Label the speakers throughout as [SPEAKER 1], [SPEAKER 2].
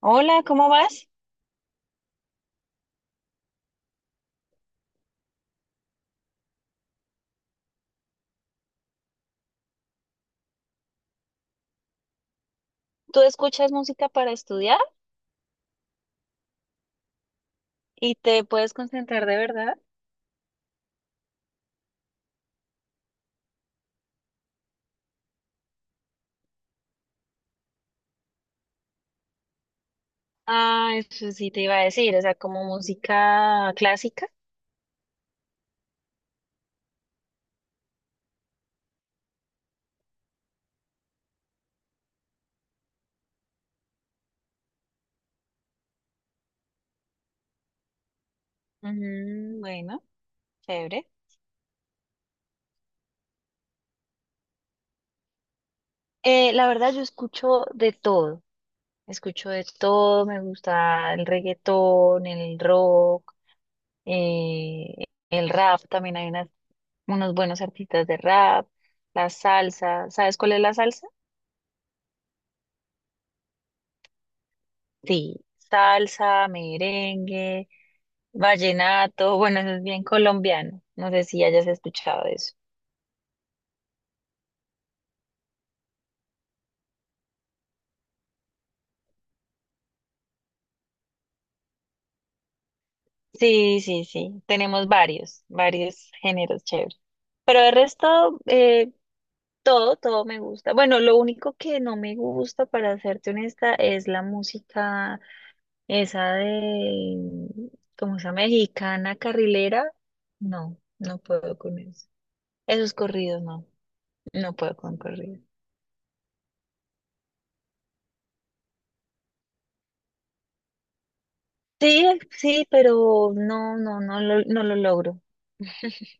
[SPEAKER 1] Hola, ¿cómo vas? ¿Tú escuchas música para estudiar y te puedes concentrar de verdad? Ah, eso sí te iba a decir, o sea, como música clásica. Ujú, bueno, chévere. La verdad, yo escucho de todo. Escucho de todo, me gusta el reggaetón, el rock, eh, el rap, también hay unos buenos artistas de rap, la salsa. ¿Sabes cuál es la salsa? Sí, salsa, merengue. Vallenato, bueno, eso es bien colombiano. No sé si hayas escuchado eso. Sí, sí, sí. Tenemos varios géneros chéveres. Pero el resto, todo me gusta. Bueno, lo único que no me gusta, para serte honesta, es la música esa de, como esa mexicana carrilera. No, no puedo con eso. Esos corridos, no, no puedo con corridos. Sí, sí, pero no, no lo logro.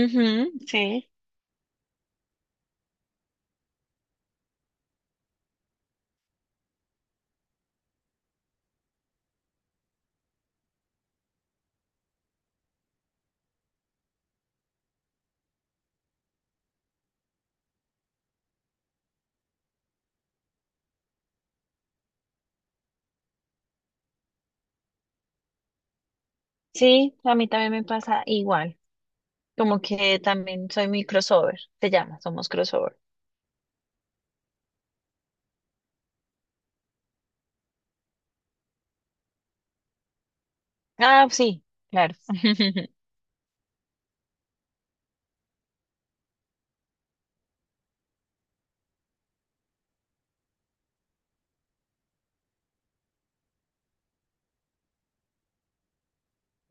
[SPEAKER 1] Ujú, sí, sí, a mí también me pasa igual, como que también soy mi crossover, te llama, somos crossover. Ah, sí, claro.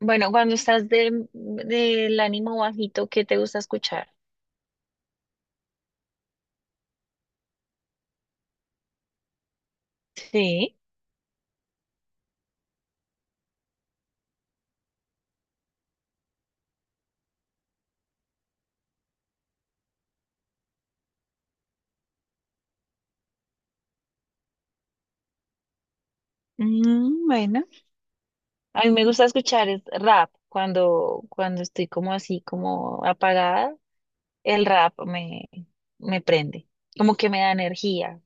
[SPEAKER 1] Bueno, cuando estás de, del ánimo bajito, ¿qué te gusta escuchar? Sí. Mm, bueno. A mí me gusta escuchar es rap cuando estoy como así, como apagada, el rap me prende, como que me da energía.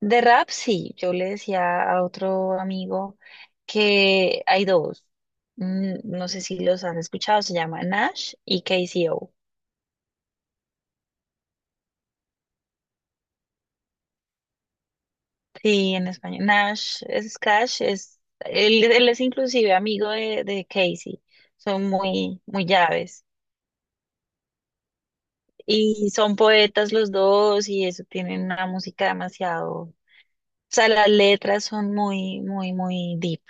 [SPEAKER 1] De rap, sí. Yo le decía a otro amigo que hay dos. Mm, no sé si los han escuchado, se llama Nash y KCO. Sí, en español. Nash es Cash, es, él es inclusive amigo de Casey. Son muy, muy llaves. Y son poetas los dos y eso tienen una música demasiado. O sea, las letras son muy, muy, muy deep.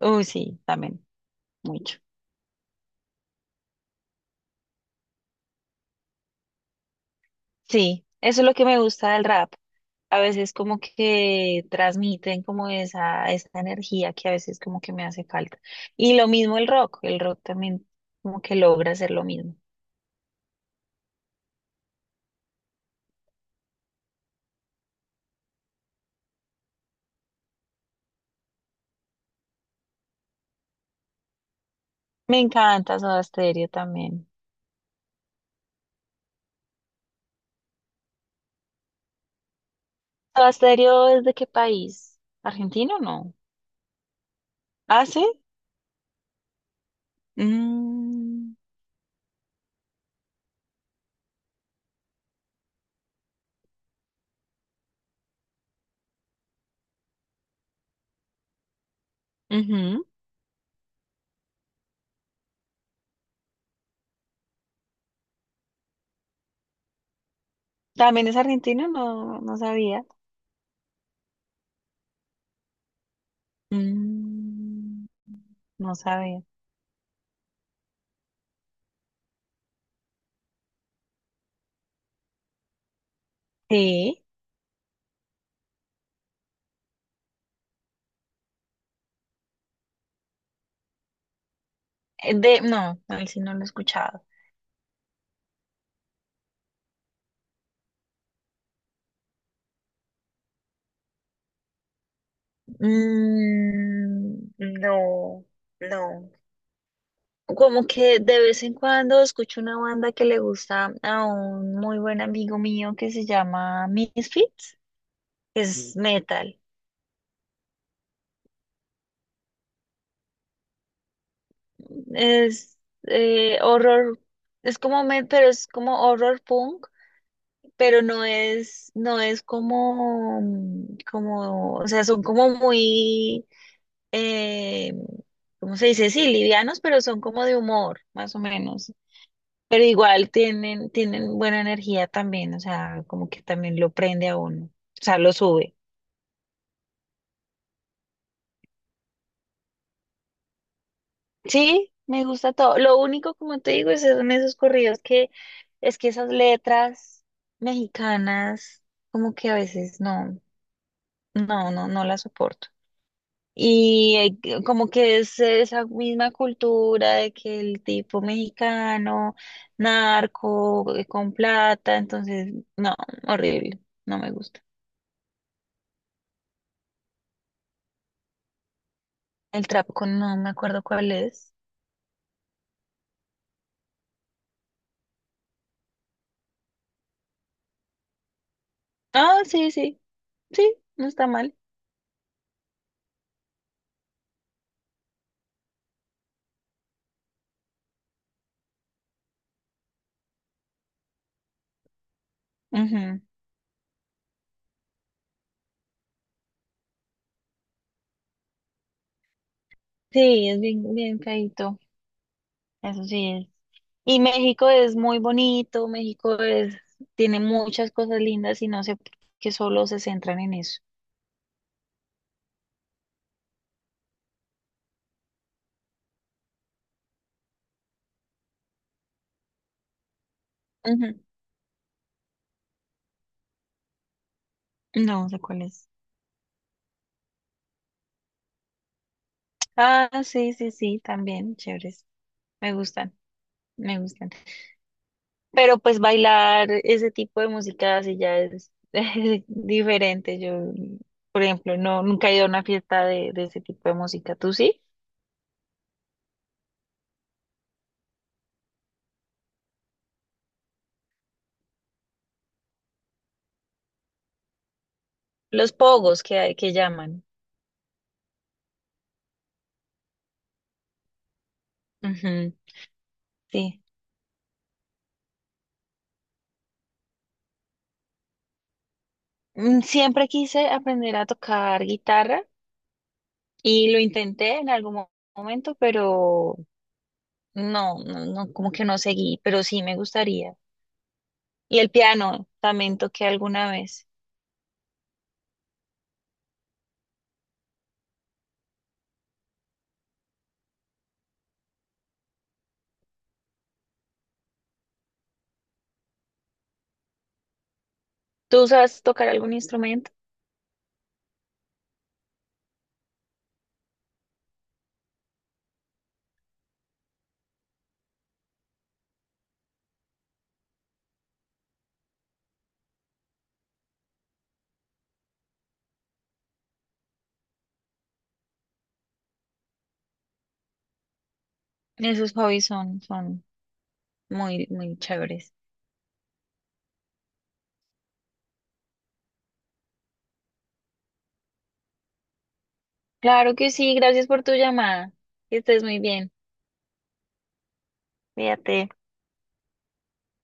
[SPEAKER 1] Uy, sí, también, mucho. Sí, eso es lo que me gusta del rap. A veces como que transmiten como esa energía que a veces como que me hace falta. Y lo mismo el rock también como que logra hacer lo mismo. Me encanta Soda Stereo también. ¿Soda Stereo es de qué país? ¿Argentino o no? ¿Ah, sí? Mm, ujú. ¿También es argentino? No, no sabía. Mm, no sabía. Sí, no, él sí no lo he escuchado. Mm, no, no. Como que de vez en cuando escucho una banda que le gusta a un muy buen amigo mío que se llama Misfits, es metal. Es horror, es como pero es como horror punk, pero no es, no es como, mm, como, o sea, son como muy eh, ¿cómo se dice? Sí, livianos, pero son como de humor, más o menos. Pero igual tienen, tienen buena energía también, o sea, como que también lo prende a uno, o sea, lo sube. Sí, me gusta todo. Lo único, como te digo, es son esos corridos que es que esas letras mexicanas, como que a veces no, no las soporto. Y como que es esa misma cultura de que el tipo mexicano, narco, con plata, entonces, no, horrible, no me gusta. El trapo, no me acuerdo cuál es. Ah, sí, sí, sí, no está mal. Ujú. Sí, es bien, bien feíto, eso sí es. Y México es muy bonito, México es, tiene muchas cosas lindas y no sé por qué solo se centran en eso. Ujú. No sé cuál es. Ah, sí, sí, sí, también, chéveres. Me gustan, me gustan. Pero pues bailar ese tipo de música así ya es es diferente. Yo, por ejemplo, no, nunca he ido a una fiesta de ese tipo de música. ¿Tú sí? Los pogos que hay, que llaman. Ujú, sí. Mm, siempre quise aprender a tocar guitarra y lo intenté en algún momento, pero no, como que no seguí, pero sí me gustaría. Y el piano también toqué alguna vez. ¿Tú sabes tocar algún instrumento? Esos hobbies son, son muy, muy chéveres. Claro que sí, gracias por tu llamada. Que estés muy bien. Cuídate.